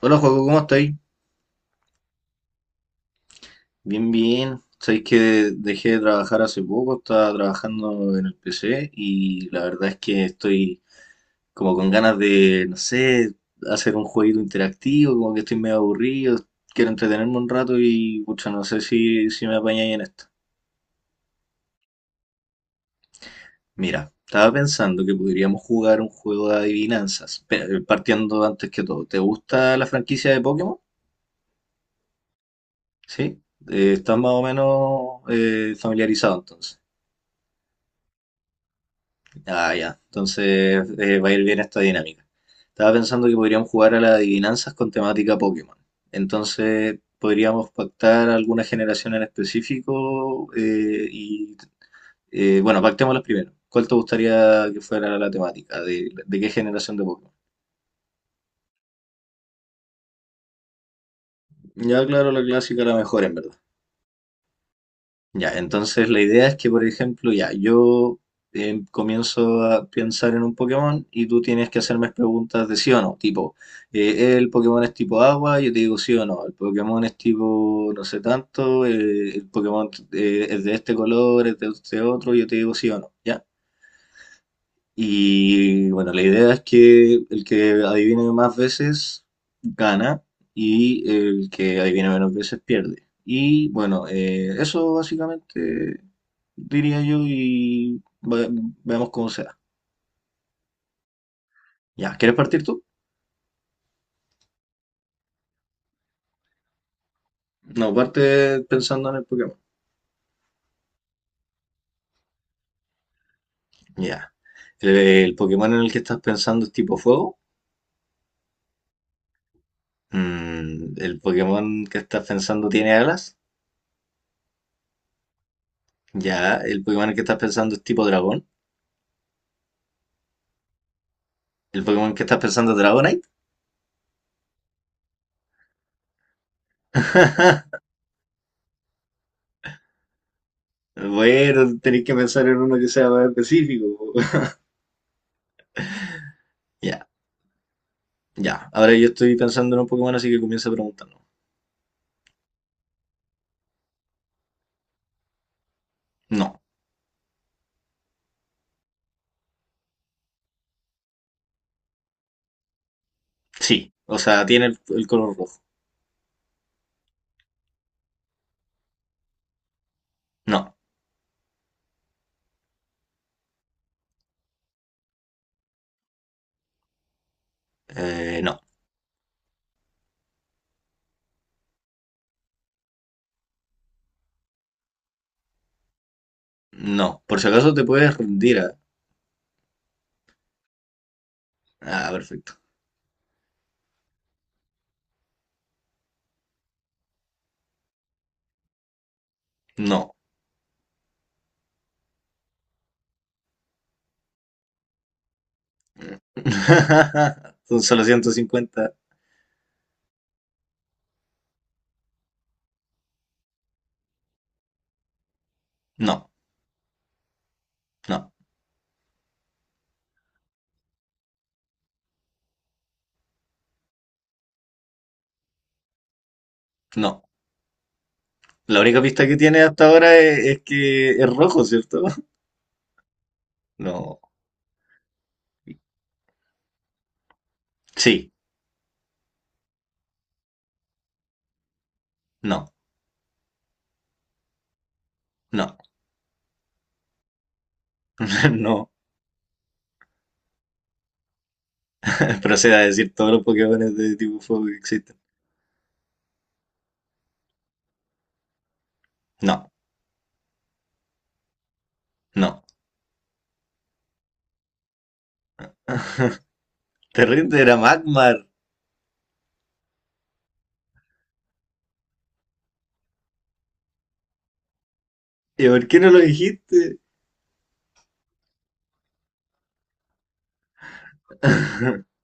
Hola, Joaco, ¿cómo estáis? Bien, bien. Sabéis que dejé de trabajar hace poco, estaba trabajando en el PC y la verdad es que estoy como con ganas de, no sé, hacer un jueguito interactivo, como que estoy medio aburrido, quiero entretenerme un rato y, pucha, no sé si me apañáis en esto. Mira, estaba pensando que podríamos jugar un juego de adivinanzas, pero partiendo antes que todo. ¿Te gusta la franquicia de Pokémon? ¿Sí? ¿Estás más o menos familiarizado entonces? Ah, ya. Entonces va a ir bien esta dinámica. Estaba pensando que podríamos jugar a las adivinanzas con temática Pokémon. Entonces podríamos pactar alguna generación en específico y, bueno, pactémoslas primero. ¿Cuál te gustaría que fuera la temática? ¿De qué generación de Pokémon? Ya, claro, la clásica, la mejor en verdad. Ya, entonces la idea es que, por ejemplo, ya, yo comienzo a pensar en un Pokémon y tú tienes que hacerme preguntas de sí o no, tipo, el Pokémon es tipo agua, yo te digo sí o no, el Pokémon es tipo no sé tanto, el Pokémon es de este color, es de este otro, yo te digo sí o no, ¿ya? Y bueno, la idea es que el que adivine más veces gana y el que adivine menos veces pierde. Y bueno, eso básicamente diría yo y veamos cómo sea. Ya, ¿quieres partir tú? No, parte pensando en el Pokémon. Ya. ¿El Pokémon en el que estás pensando es tipo fuego? ¿El Pokémon que estás pensando tiene alas? Ya. ¿El Pokémon en el que estás pensando es tipo dragón? ¿El Pokémon que estás pensando es Dragonite? Bueno, tenéis que pensar en uno que sea más específico, po. Ya, ya. Ahora yo estoy pensando en un Pokémon, así que comienza preguntando. No, sí. O sea, tiene el color rojo. No, no, no. Por si acaso te puedes rendir a. Ah, perfecto. No. Son solo 150. No, no, no. La única pista que tiene hasta ahora es que es rojo, ¿cierto? No. Sí, no, no, no. Proceda a decir todos los Pokémones de tipo fuego que existen. No, no. Terrible era Magmar. ¿Y por qué no lo dijiste?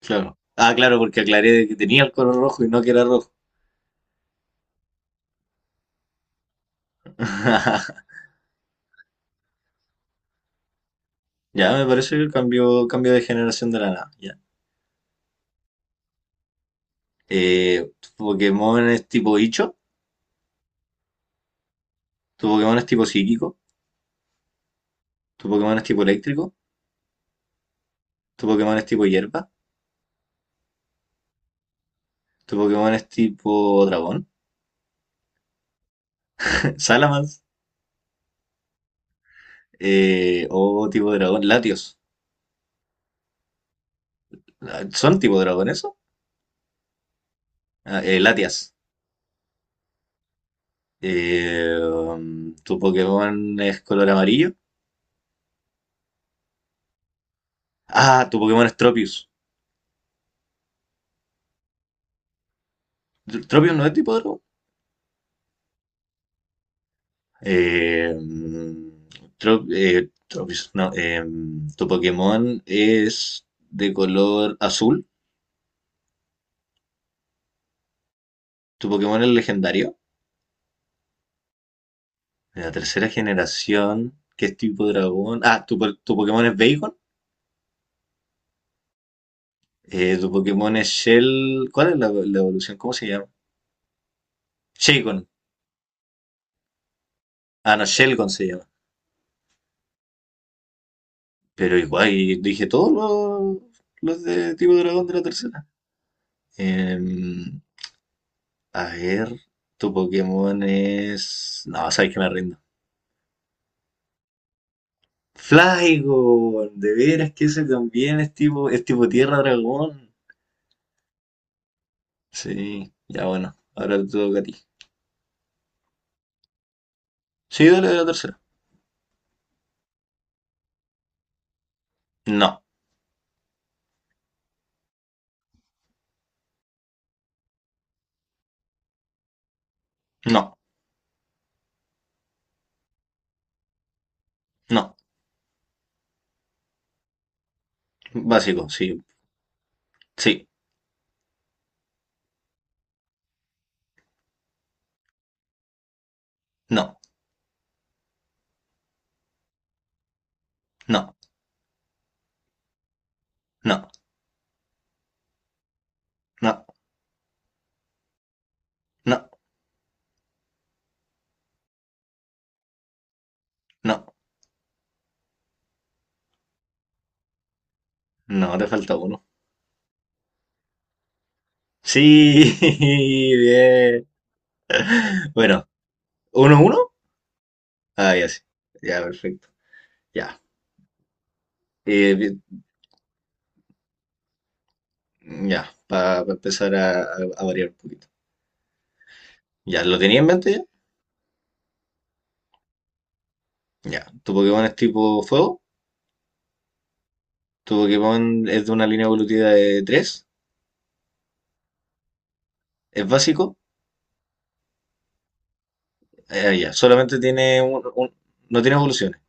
Claro. Ah, claro, porque aclaré que tenía el color rojo y no que era rojo. Ya, me parece que el cambio de generación de la nada. Ya. ¿Tu Pokémon es tipo bicho? ¿Tu Pokémon es tipo psíquico? ¿Tu Pokémon es tipo eléctrico? ¿Tu Pokémon es tipo hierba? ¿Tu Pokémon es tipo dragón? ¿Salamence? ¿O tipo dragón? ¿Latios? Ah, ¿son tipo dragón eso? Ah, Latias. ¿Tu Pokémon es color amarillo? Ah, tu Pokémon es Tropius. ¿Tropius no es tipo dragón? Eh, mm, Tropius, no. ¿Tu Pokémon es de color azul? ¿Tu Pokémon es legendario? De la tercera generación, ¿qué es tipo dragón? Ah, ¿tu Pokémon es Bacon? ¿Tu Pokémon es Shell? ¿Cuál es la evolución? ¿Cómo se llama? Shaycon. Ah, no, Shelgon se llama. Pero igual, y dije todos los de tipo dragón de la tercera. Em, a ver, tu Pokémon es. No, sabes que me rindo. Flygon, de veras que ese también es tipo tierra dragón. Sí, ya bueno, ahora te toca a ti. Sí, dale de la tercera. No, no, no. Básico, sí, sí, no, no, no, no, no, no. No, te falta uno. Sí, bien. Bueno, ¿uno, uno? Ah, ya sí. Ya, perfecto. Ya. Bien, ya, para empezar a variar un poquito. Ya, ¿lo tenía en mente ya? Ya. ¿Tu Pokémon es tipo fuego? ¿Tu Pokémon es de una línea evolutiva de tres? ¿Es básico? Ah, ya. Solamente tiene un. No tiene evoluciones.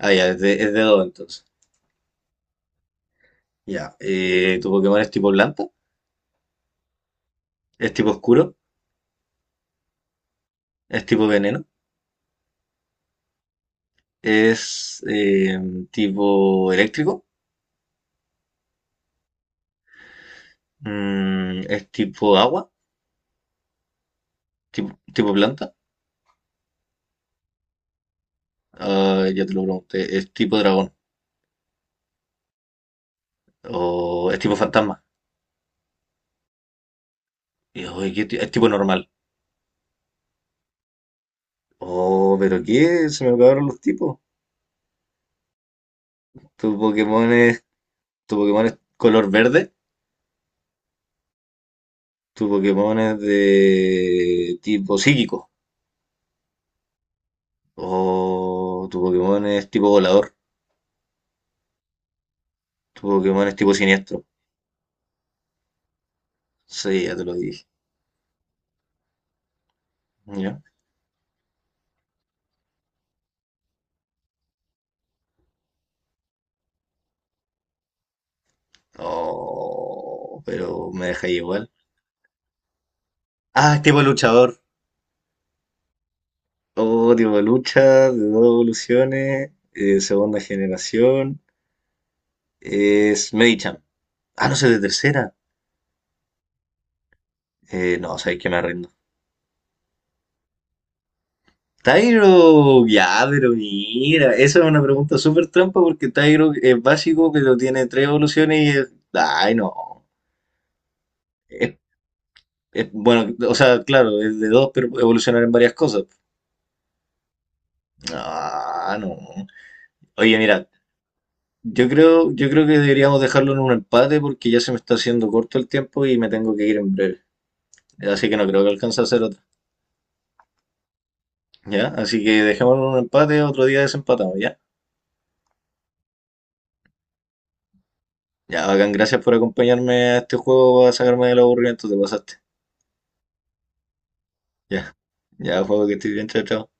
Ah, ya, es de 2 entonces. Ya. ¿Tu Pokémon es tipo planta? ¿Es tipo oscuro? ¿Es tipo veneno? ¿Es tipo eléctrico? ¿Es tipo agua? ¿Tipo planta? Ah, ya te lo pregunté. ¿Es tipo dragón? ¿O es tipo fantasma? Y, oye, ¿es tipo normal? Oh, ¿pero qué? Se me acabaron los tipos. Tu Pokémon es, tu Pokémon es color verde. Tu Pokémon es de tipo psíquico. O tu Pokémon es tipo volador. Tu Pokémon es tipo siniestro. Sí, ya te lo dije. ¿Ya? Oh, pero me deja igual. Ah, es tipo luchador. Oh, tipo lucha, de dos evoluciones, segunda generación. Es Medicham. Ah, no sé, de tercera. No, sabéis que me rindo. Tyro, ya, pero mira, esa es una pregunta súper trampa porque Tyro es básico, pero tiene tres evoluciones y es. Ay, no. Es- bueno, o sea, claro, es de dos, pero puede evolucionar en varias cosas. Ah, no. Oye, mira, yo creo que deberíamos dejarlo en un empate porque ya se me está haciendo corto el tiempo y me tengo que ir en breve. Así que no creo que alcance a hacer otra. ¿Ya? Así que dejémoslo en un empate, otro día desempatamos, ¿ya? Ya, bacán, gracias por acompañarme a este juego a sacarme del aburrimiento, te pasaste. Ya, ya, juego que estoy bien, chao, chao.